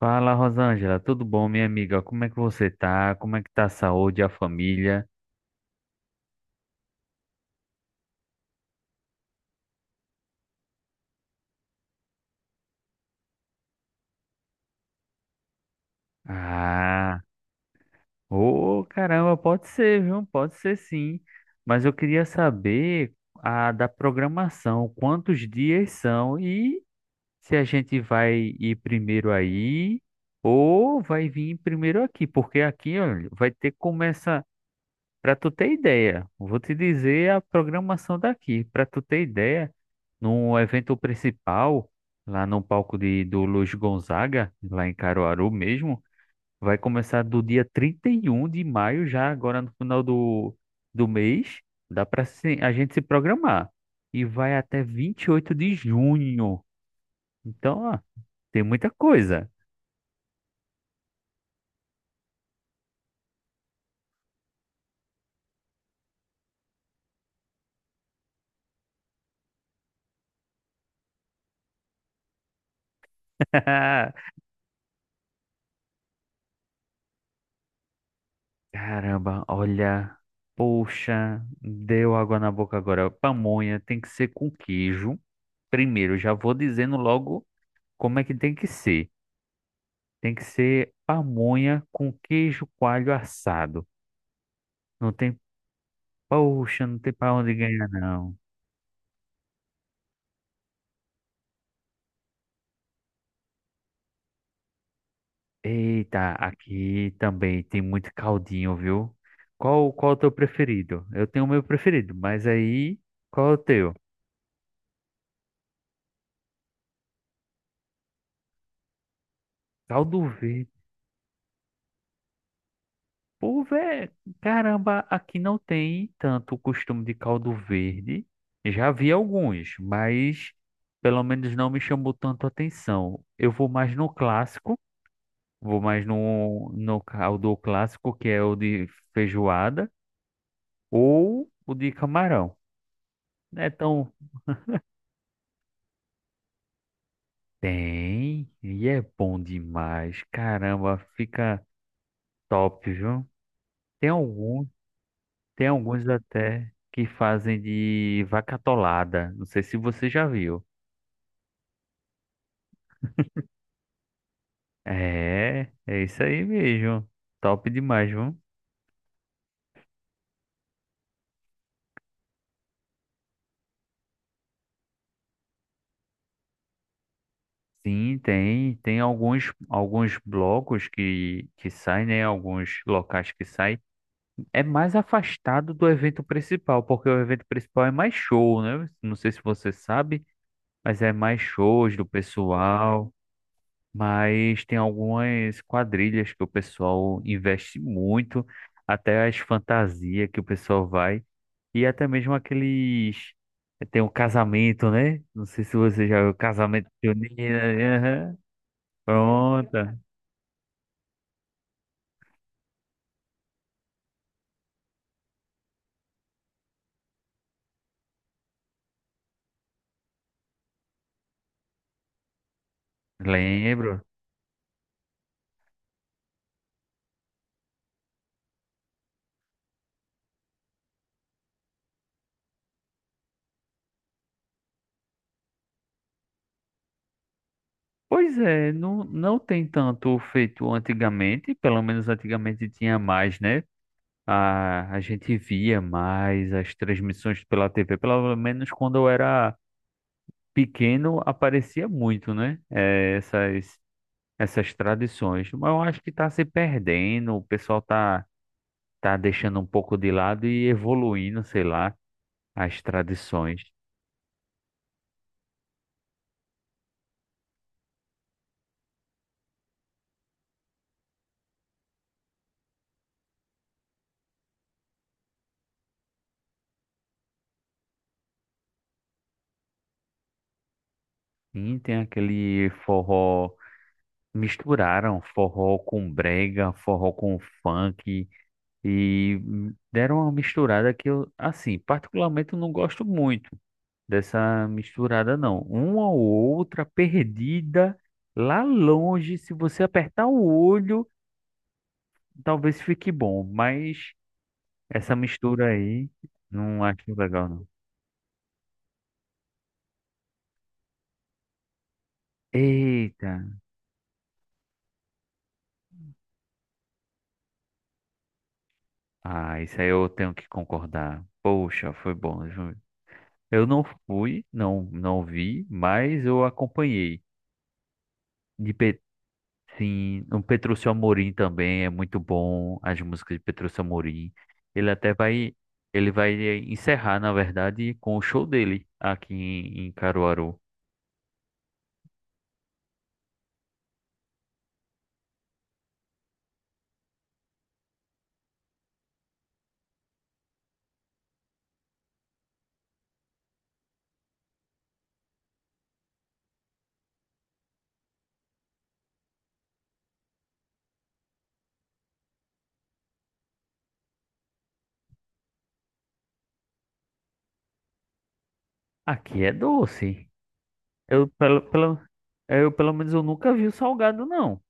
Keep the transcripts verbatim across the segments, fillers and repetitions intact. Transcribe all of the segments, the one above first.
Fala, Rosângela, tudo bom, minha amiga? Como é que você tá? Como é que tá a saúde, a família? Ah, ô caramba, pode ser, viu? Pode ser sim. Mas eu queria saber a da programação, quantos dias são e se a gente vai ir primeiro aí ou vai vir primeiro aqui, porque aqui, olha, vai ter começa. Para tu ter ideia, vou te dizer a programação daqui. Para tu ter ideia, no evento principal, lá no palco de, do Luiz Gonzaga, lá em Caruaru mesmo, vai começar do dia trinta e um de maio, já agora no final do, do mês. Dá para a gente se programar. E vai até vinte e oito de junho. Então, ó, tem muita coisa. Caramba, olha, poxa, deu água na boca agora. Pamonha tem que ser com queijo. Primeiro, já vou dizendo logo como é que tem que ser. Tem que ser pamonha com queijo coalho assado. Não tem, poxa, não tem pra onde ganhar, não. Eita, aqui também tem muito caldinho, viu? Qual, qual é o teu preferido? Eu tenho o meu preferido, mas aí, qual é o teu? Caldo verde. Pô, velho, caramba, aqui não tem tanto o costume de caldo verde. Já vi alguns, mas pelo menos não me chamou tanto a atenção. Eu vou mais no clássico, vou mais no, no caldo clássico, que é o de feijoada, ou o de camarão. É tão. Tem, e é bom demais. Caramba, fica top, viu? Tem alguns. Tem alguns até que fazem de vaca atolada. Não sei se você já viu. É, é isso aí mesmo. Top demais, viu? Sim, tem, tem alguns, alguns blocos que, que saem, né? Alguns locais que saem. É mais afastado do evento principal, porque o evento principal é mais show, né? Não sei se você sabe, mas é mais shows do pessoal. Mas tem algumas quadrilhas que o pessoal investe muito, até as fantasias que o pessoal vai, e até mesmo aqueles. Tem o casamento, né? Não sei se você já viu casamento junino. Aham. Pronto, lembro. Pois é, não, não tem tanto feito antigamente, pelo menos antigamente tinha mais, né? A, a gente via mais as transmissões pela T V, pelo menos quando eu era pequeno aparecia muito, né? Eh, essas, essas tradições. Mas eu acho que está se perdendo, o pessoal tá, tá deixando um pouco de lado e evoluindo, sei lá, as tradições. E tem aquele forró, misturaram forró com brega, forró com funk e deram uma misturada que eu, assim, particularmente eu não gosto muito. Dessa misturada, não. Uma ou outra perdida lá longe, se você apertar o olho, talvez fique bom, mas essa mistura aí não acho legal, não. Eita! Ah, isso aí eu tenho que concordar. Poxa, foi bom, viu? Eu não fui, não, não vi, mas eu acompanhei de, pe- sim, o Petrúcio Amorim também é muito bom, as músicas de Petrúcio Amorim. Ele até vai, ele vai encerrar, na verdade, com o show dele aqui em, em Caruaru. Aqui é doce. Eu pelo, pelo, eu, pelo menos eu nunca vi o salgado, não.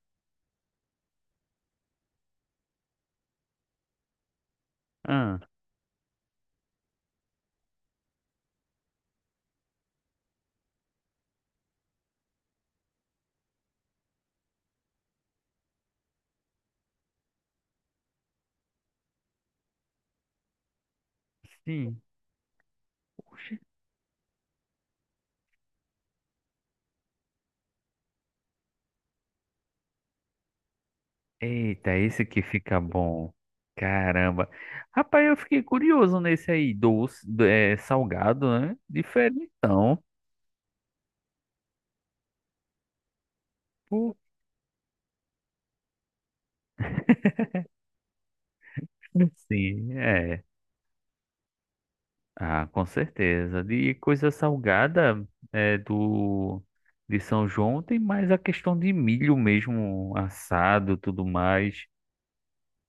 Ah, sim. Oxe. Eita, esse que fica bom. Caramba. Rapaz, eu fiquei curioso nesse aí, doce, é, salgado, né? Diferentão. Pô, sim, é. Ah, com certeza. De coisa salgada é, do de São João tem mais a questão de milho mesmo assado, tudo mais.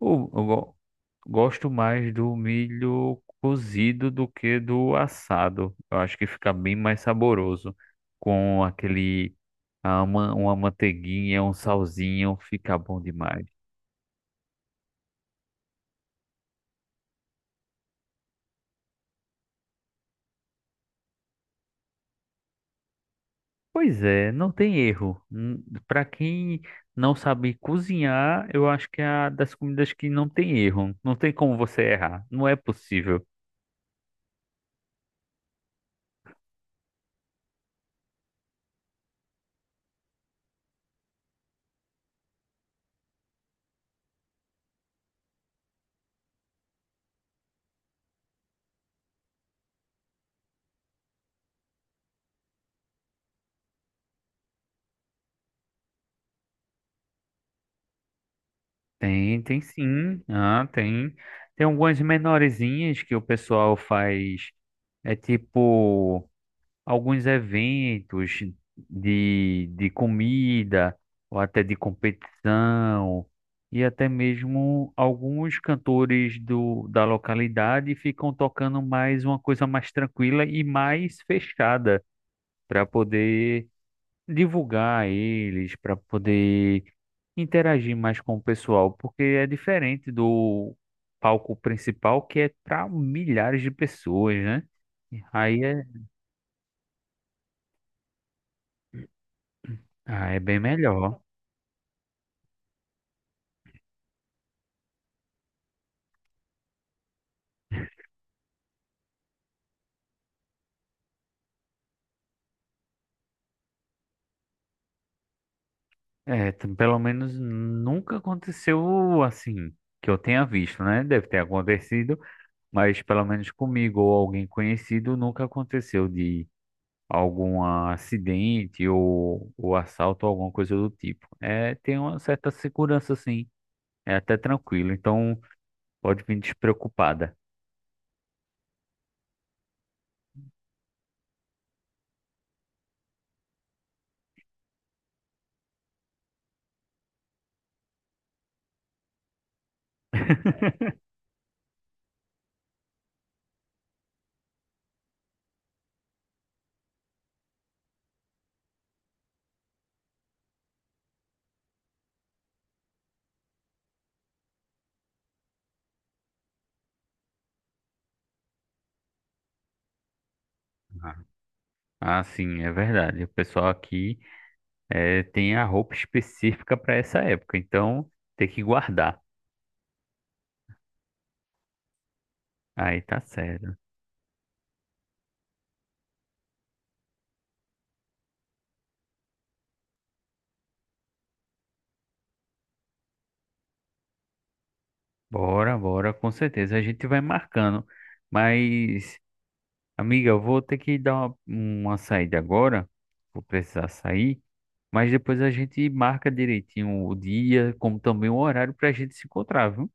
Eu, eu go- gosto mais do milho cozido do que do assado. Eu acho que fica bem mais saboroso com aquele ah, uma, uma manteiguinha, um salzinho, fica bom demais. Pois é, não tem erro. Para quem não sabe cozinhar, eu acho que é a das comidas que não tem erro. Não tem como você errar. Não é possível. Tem, tem sim. Ah, tem. Tem algumas menorzinhas que o pessoal faz. É tipo. Alguns eventos de, de comida, ou até de competição, e até mesmo alguns cantores do, da localidade ficam tocando mais uma coisa mais tranquila e mais fechada, para poder divulgar eles, para poder interagir mais com o pessoal, porque é diferente do palco principal, que é para milhares de pessoas, né? Aí é, ah, é bem melhor. É, t- pelo menos nunca aconteceu assim que eu tenha visto, né? Deve ter acontecido, mas pelo menos comigo ou alguém conhecido nunca aconteceu de algum acidente ou, ou assalto ou alguma coisa do tipo. É, tem uma certa segurança, assim, é até tranquilo, então pode vir despreocupada. Ah, ah, sim, é verdade. O pessoal aqui é, tem a roupa específica para essa época, então tem que guardar. Aí tá certo. Bora, bora, com certeza. A gente vai marcando. Mas, amiga, eu vou ter que dar uma, uma saída agora. Vou precisar sair. Mas depois a gente marca direitinho o dia, como também o horário para a gente se encontrar, viu?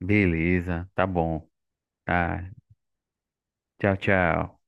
Beleza, tá bom. Tá. Tchau, tchau.